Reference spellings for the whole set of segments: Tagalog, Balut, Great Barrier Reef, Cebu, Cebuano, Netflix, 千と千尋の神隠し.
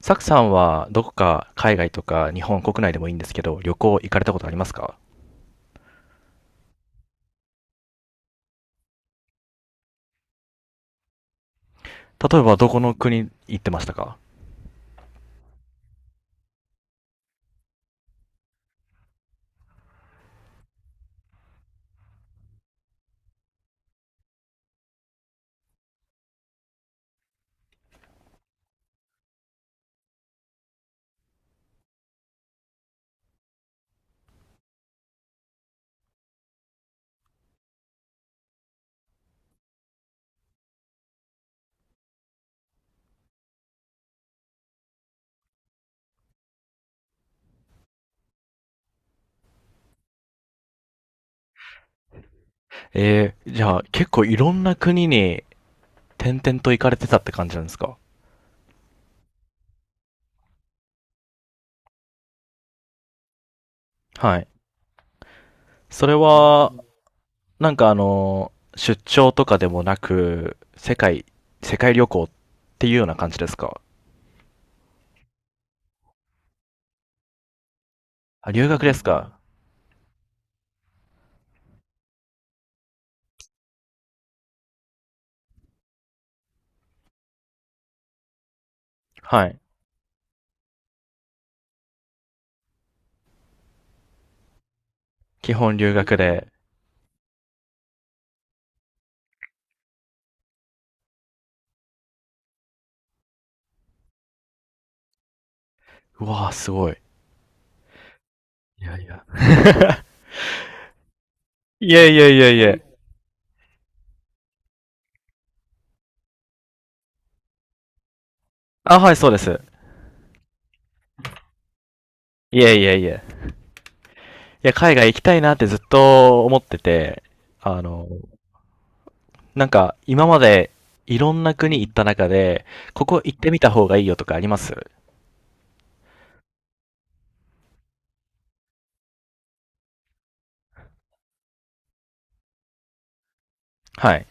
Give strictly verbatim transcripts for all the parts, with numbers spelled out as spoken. サクさんはどこか海外とか日本国内でもいいんですけど、旅行行かれたことありますか？例えばどこの国行ってましたか？えー、じゃあ結構いろんな国に転々と行かれてたって感じなんですか？はい。それは、なんかあの、出張とかでもなく、世界、世界旅行っていうような感じですか？あ、留学ですか？はい。基本留学で。うわー、すごい。いやいや。いえいえいえいえ。あ、はい、そうです。いえいえいえ。や、海外行きたいなってずっと思ってて、あの、なんか今までいろんな国行った中で、ここ行ってみた方がいいよとかあります？はい。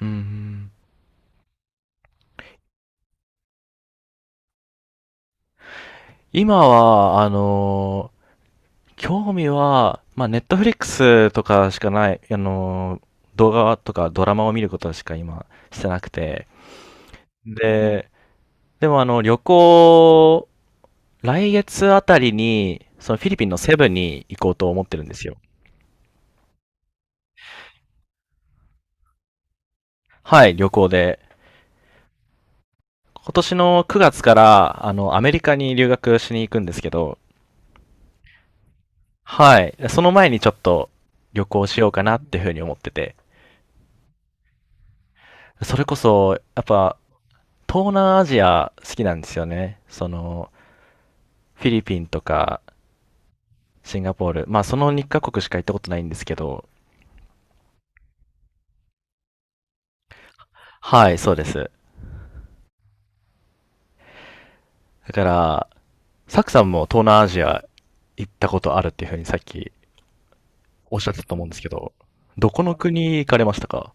うん。今は、あの、興味は、まあ、ネットフリックスとかしかない、あの、動画とかドラマを見ることしか今してなくて。で、でもあの、旅行、来月あたりに、そのフィリピンのセブンに行こうと思ってるんですよ。はい、旅行で。今年のくがつから、あの、アメリカに留学しに行くんですけど、はい。その前にちょっと旅行しようかなっていうふうに思ってて。それこそ、やっぱ、東南アジア好きなんですよね。その、フィリピンとか、シンガポール。まあ、そのにカ国しか行ったことないんですけど、はい、そうです。だから、サクさんも東南アジア行ったことあるっていうふうにさっきおっしゃってたと思うんですけど、どこの国行かれましたか？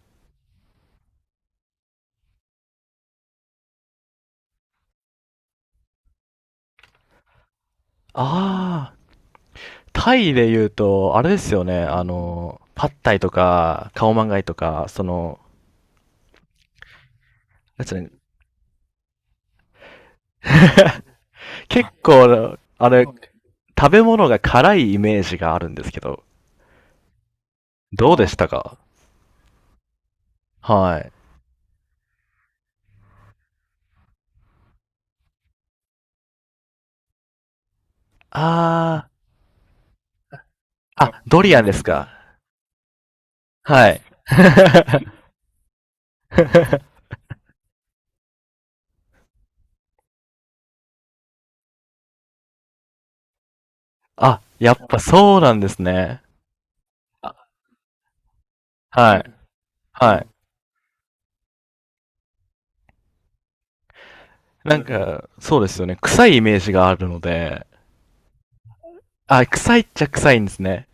ああー、タイで言うと、あれですよね、あの、パッタイとか、カオマンガイとか、その、なんつうの？結構、あれ、食べ物が辛いイメージがあるんですけど、どうでしたか？はい。あー、あ、ドリアンですか？はい。あ、やっぱそうなんですね。はい、はい。なんか、そうですよね。臭いイメージがあるので、あ、臭いっちゃ臭いんですね。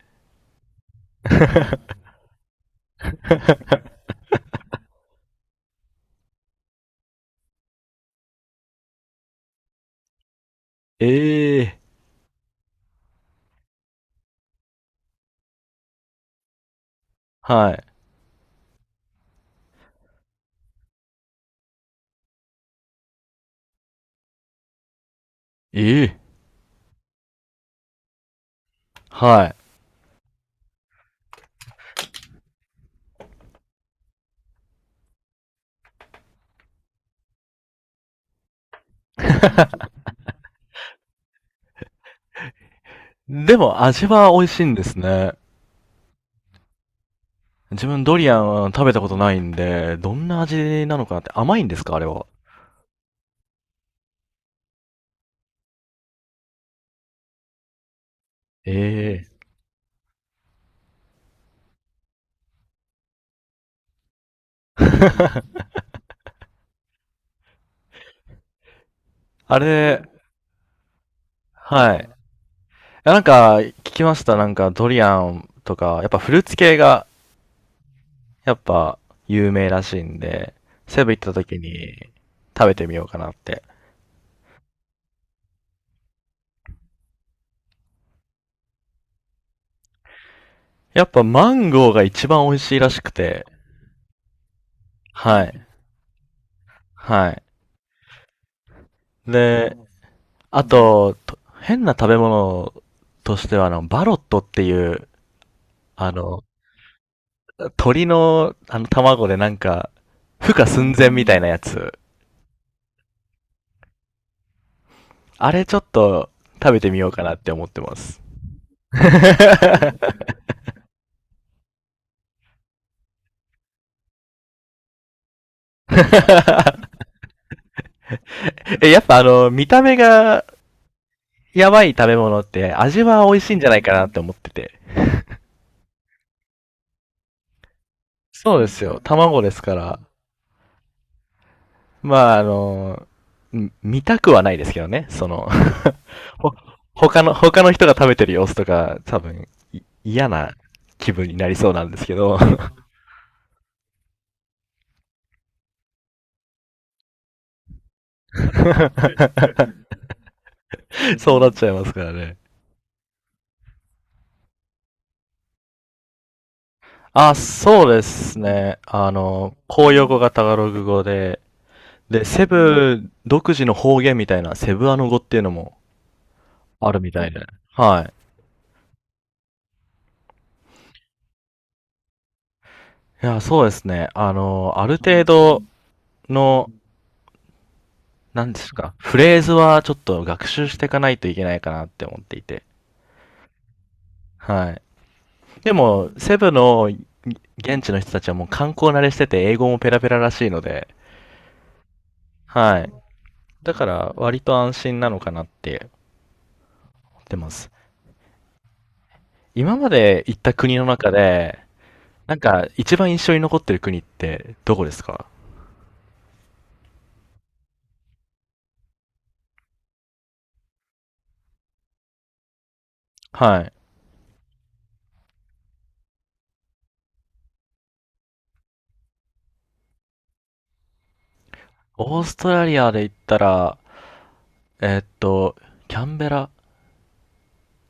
ええー。はい。ええー。はい。でも味は美味しいんですね。自分ドリアン食べたことないんで、どんな味なのかなって甘いんですか、あれは。ええ。あれ、はい。いやなんか、聞きました。なんか、ドリアンとか、やっぱフルーツ系が、やっぱ、有名らしいんで、セブン行った時に、食べてみようかなって。やっぱ、マンゴーが一番美味しいらしくて、はい。はい。で、あと、と変な食べ物としては、あの、バロットっていう、あの、鳥の、あの、卵でなんか、孵化寸前みたいなやつ。あれちょっと、食べてみようかなって思ってます。え、やっぱあの、見た目がやばい食べ物って味は美味しいんじゃないかなって思ってて。そうですよ。卵ですから。まああの、ん見たくはないですけどね。その、ほ他の、他の人が食べてる様子とか、多分、い嫌な気分になりそうなんですけど。そうなっちゃいますからね。あ、そうですね。あの、公用語がタガログ語で、で、セブ独自の方言みたいな、セブアノ語っていうのもあるみたいで。はい。いや、そうですね。あの、ある程度の、なんですか、フレーズはちょっと学習していかないといけないかなって思っていて。はい。でも、セブの現地の人たちはもう観光慣れしてて、英語もペラペラらしいので、はい。だから、割と安心なのかなって思ってます。今まで行った国の中で、なんか一番印象に残ってる国ってどこですか？はい。オーストラリアで言ったら、えーっと、キャンベラ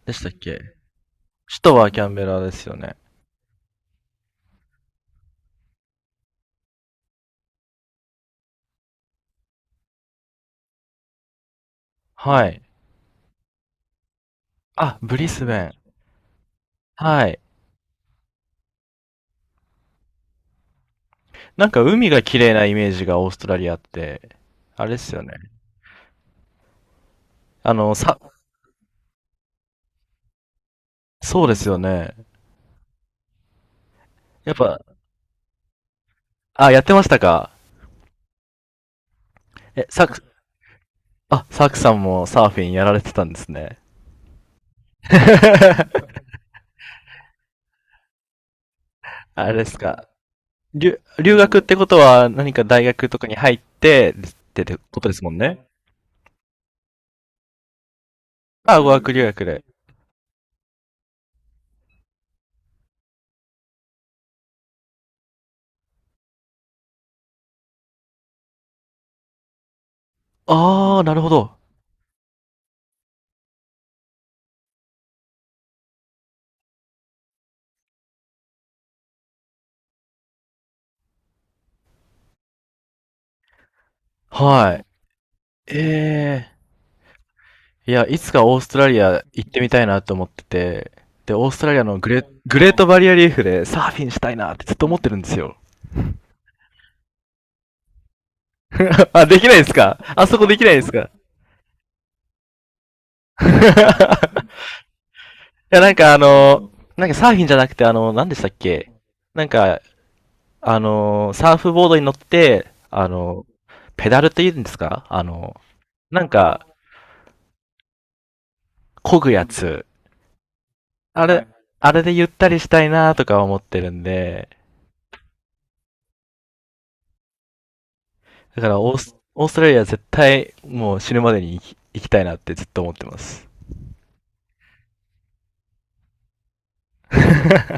でしたっけ？首都はキャンベラですよね。はい。あ、ブリスベン。はい。なんか海が綺麗なイメージがオーストラリアって、あれですよね。あの、さ、そうですよね。やっぱ、あ、やってましたか？え、サク、あ、サクさんもサーフィンやられてたんですね。あれですか。留、留学ってことは何か大学とかに入ってってことですもんね。あ、語学留学で。ああ、なるほど。はい。ええー。いや、いつかオーストラリア行ってみたいなと思ってて、で、オーストラリアのグレ、グレートバリアリーフでサーフィンしたいなってずっと思ってるんですよ。あ、できないですか？あそこできないですか？ いや、なんかあの、なんかサーフィンじゃなくてあの、何でしたっけ？なんか、あの、サーフボードに乗って、あの、ペダルって言うんですか、あの、なんか、漕ぐやつ。あれ、あれでゆったりしたいなとか思ってるんで、だからオース、オーストラリア絶対もう死ぬまでに行き行きたいなってずっと思ってます。